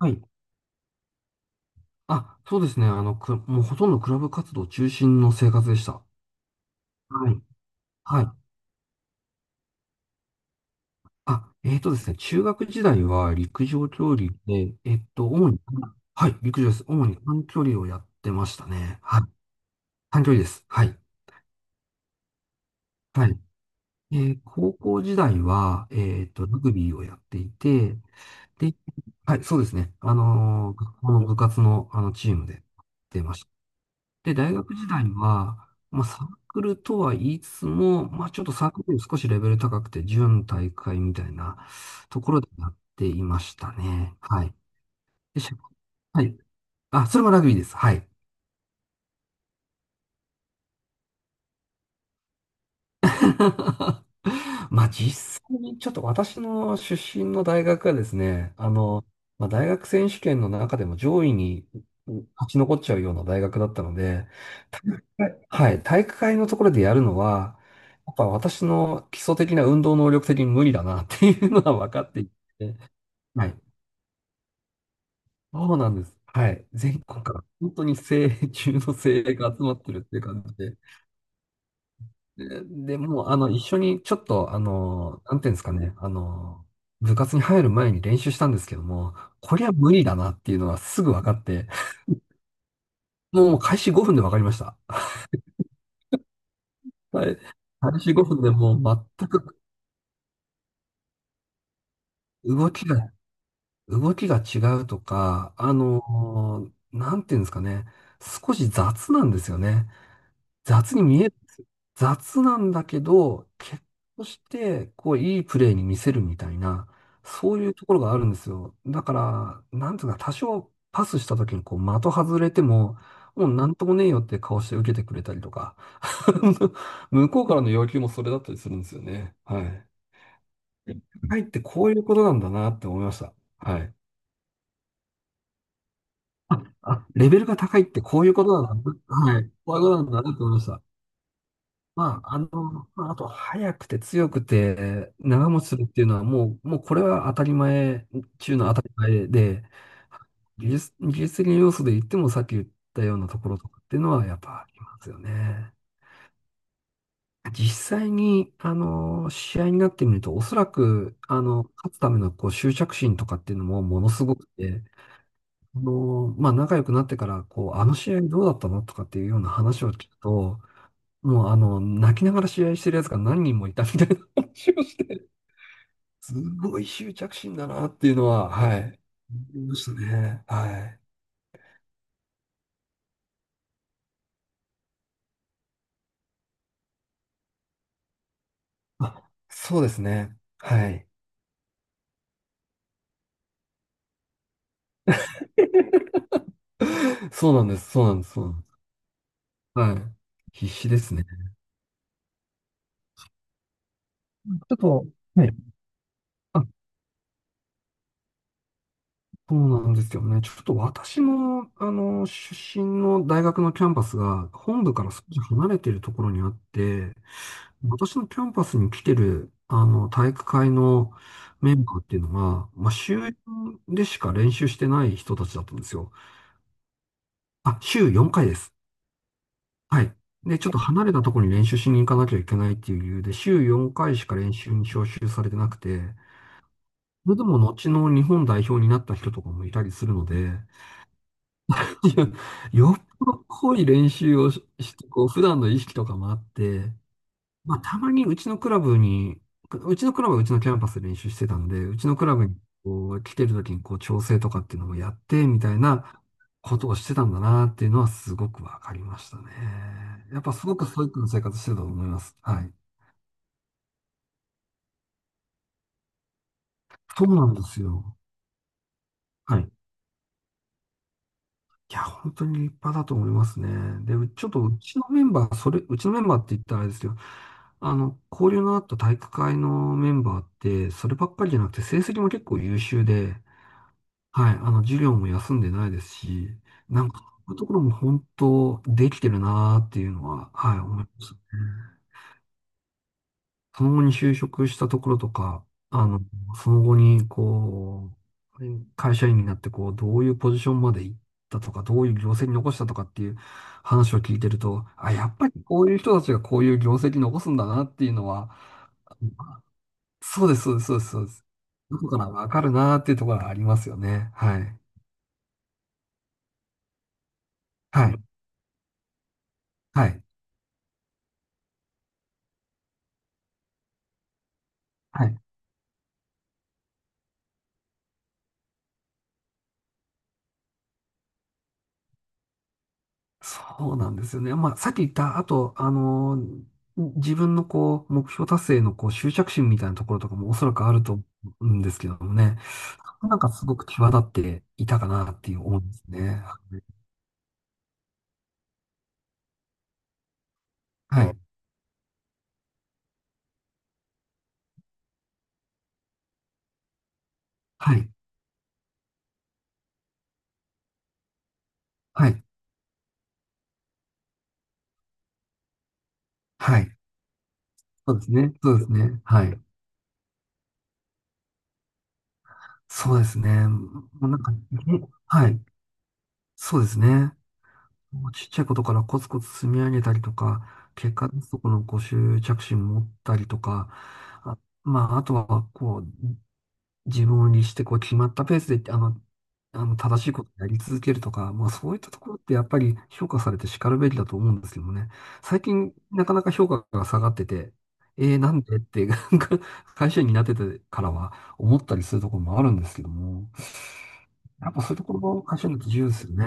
はい。あ、そうですね。もうほとんどクラブ活動中心の生活でした。はい。はい。あ、えっとですね。中学時代は陸上競技で、主に、はい、陸上です。主に短距離をやってましたね。はい。短距離です。はい。はい。高校時代は、ラグビーをやっていて、で、はい、そうですね。学校の部活の、チームでやってました。で、大学時代は、まあ、サークルとは言いつつも、まあ、ちょっとサークルより少しレベル高くて、準大会みたいなところでやっていましたね。はい。で、しはい。あ、それもラグビーです。はい。まあ、実際にちょっと私の出身の大学がですね、まあ、大学選手権の中でも上位に勝ち残っちゃうような大学だったので、はいはい、体育会のところでやるのは、やっぱ私の基礎的な運動能力的に無理だなっていうのは分かっていて、はい。そうなんです。はい。全国から本当に精鋭中の精鋭が集まってるっていう感じで。でもう、一緒にちょっと、なんていうんですかね、部活に入る前に練習したんですけども、こりゃ無理だなっていうのはすぐ分かって、もう開始5分で分かりました。はい。開始5分でもう全く動きが動きが違うとか、なんていうんですかね。少し雑なんですよね。雑に見える。雑なんだけど、結果として、こう、いいプレーに見せるみたいな、そういうところがあるんですよ。だから、なんていうか、多少パスした時に、こう、的外れても、もうなんともねえよって顔して受けてくれたりとか、向こうからの要求もそれだったりするんですよね。はい。はいってこういうことなんだなって思いました。はい。あ、あ、レベルが高いってこういうことなんだ。はい。こういうことなんだなと思いました。まあ、まああと、速くて強くて長持ちするっていうのはもうこれは当たり前中の当たり前で、技術的な要素で言ってもさっき言ったようなところとかっていうのはやっぱありますよね。実際に、試合になってみると、おそらく、勝つためのこう執着心とかっていうのもものすごくて、まあ、仲良くなってから、こう、あの試合どうだったのとかっていうような話を聞くと、もう、泣きながら試合してるやつが何人もいたみたいな話をして、すごい執着心だなっていうのは、はい、思いましたね。はい。あ、そうですね。はい。そうなんです。そうなんです。そうなんです。はい。必死ですね。ちょっと、ね。そうなんですよね。ちょっと私も、出身の大学のキャンパスが本部から少し離れているところにあって、私のキャンパスに来てる、体育会のメンバーっていうのが、まあ、週よんでしか練習してない人たちだったんですよ。あ、週4回です。はい。で、ちょっと離れたところに練習しに行かなきゃいけないっていう理由で、週4回しか練習に招集されてなくて、それでも後の日本代表になった人とかもいたりするので、いや、よっぽど濃い練習をしてこう、普段の意識とかもあって、まあ、たまにうちのクラブはうちのキャンパスで練習してたので、うちのクラブにこう来てる時にこう調整とかっていうのもやって、みたいなことをしてたんだなっていうのはすごくわかりましたね。やっぱすごくストイックな生活してたと思います。はい。そうなんですよ。はい。いや、本当に立派だと思いますね。で、ちょっとうちのメンバーって言ったらあれですよ。交流のあった体育会のメンバーって、そればっかりじゃなくて、成績も結構優秀で、はい、授業も休んでないですし、なんか、そういうところも本当、できてるなーっていうのは、はい、思いますね。その後に就職したところとか、あの、その後に、こう、会社員になって、こう、どういうポジションまで行ったとか、どういう業績残したとかっていう話を聞いてると、あ、やっぱりこういう人たちがこういう業績残すんだなっていうのは、そうです、そうです、そうです、そうです。どこからわかるなっていうところがありますよね。はい。はい。はい。はい。そうなんですよね。まあ、さっき言った、あと、自分のこう、目標達成のこう、執着心みたいなところとかもおそらくあると思うんですけどもね。なんかすごく際立っていたかなっていう思うんですね。はい。はい。はい。はい。そうですね。そうですね。はい。そうですね。もうなんか、ね。はい。そうですね。もうちっちゃいことからコツコツ積み上げたりとか、結果出すとこのご執着心持ったりとか、あ、まあ、あとは、こう、自分を律して、こう、決まったペースで、正しいことをやり続けるとか、まあ、そういったところってやっぱり評価されて叱るべきだと思うんですけどもね。最近、なかなか評価が下がってて、なんでって、なんか会社員になっててからは思ったりするところもあるんですけども、やっぱそういうところも会社員だと重要ですよね。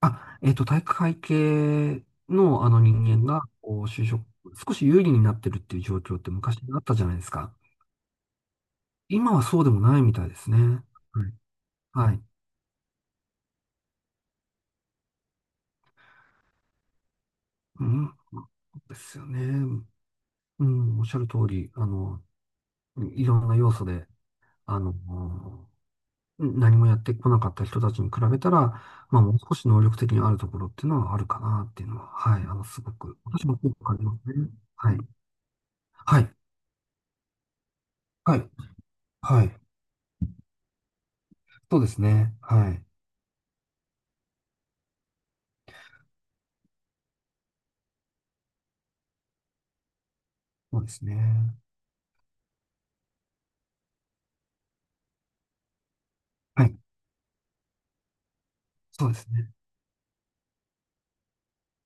あ、体育会系のあの人間が、こう、就職、少し有利になってるっていう状況って昔あったじゃないですか。今はそうでもないみたいですね。はい。はい。うん。そうですよね。うん、おっしゃる通り、いろんな要素で、あの、何もやってこなかった人たちに比べたら、まあ、もう少し能力的にあるところっていうのはあるかなっていうのは、はい、すごく、私もそう感じますね。はい。はい。はい。はい。そうですね。はい。そうですね。はい。そうですね。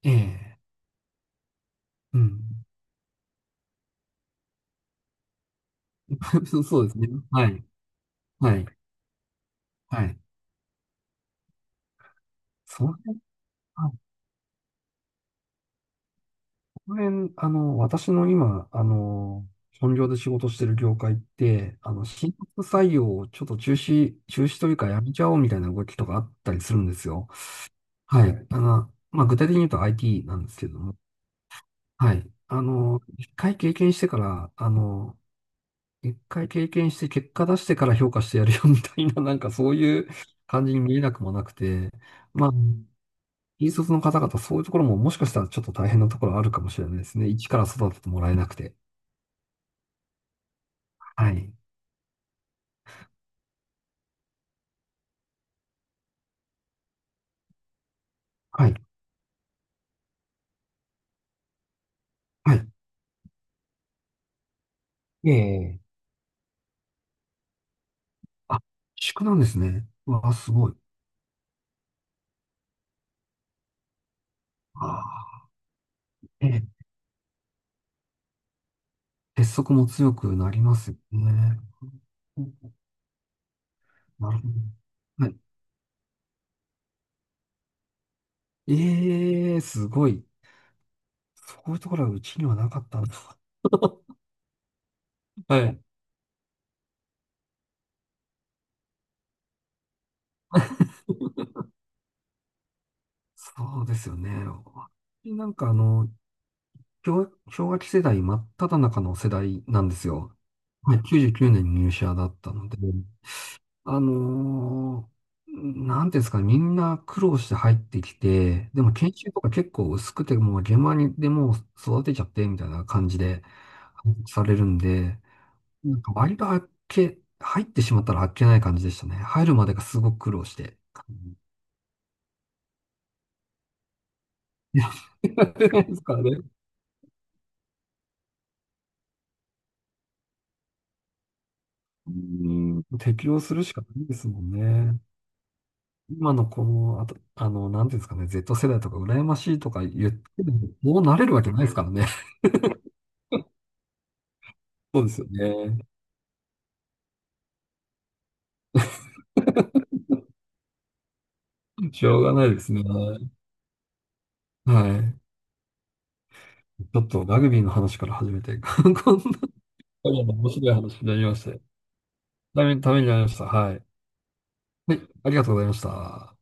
ええ。うん。そうそうですね。はい。はい。はい。その辺、あ、この辺、私の今、本業で仕事してる業界って、新卒採用をちょっと中止、中止というかやめちゃおうみたいな動きとかあったりするんですよ。はい。まあ、具体的に言うと IT なんですけども。はい。一回経験して結果出してから評価してやるよみたいな、なんかそういう感じに見えなくもなくて、まあ、引率の方々、そういうところももしかしたらちょっと大変なところあるかもしれないですね。一から育ててもらえなくて。はい。はい。はい。ええ。あ、宿なんですね。うわあ、すごい。ああ、ええ。結束も強くなりますよね。なるほど。はい。ええ、すごい。そういうところはうちにはなかったんだ。はい。そうですよね。私なんか氷河期世代真っただ中の世代なんですよ。はい、99年に入社だったので、あのーなんていうんですかね、みんな苦労して入ってきて、でも研修とか結構薄くて、もう現場にでもう育てちゃってみたいな感じで、されるんで、なんか割とあっけ、入ってしまったらあっけない感じでしたね。入るまでがすごく苦労して。ですからね。うん、適応するしかないですもんね。今のこの、あと、なんていうんですかね、Z 世代とか羨ましいとか言っても、もう慣れるわけないですからね。そうですよね。しょうがないですね。はい。ちょっとラグビーの話から始めて、こんな面白い話になりまして、ためになりました。はい。はい、ありがとうございました。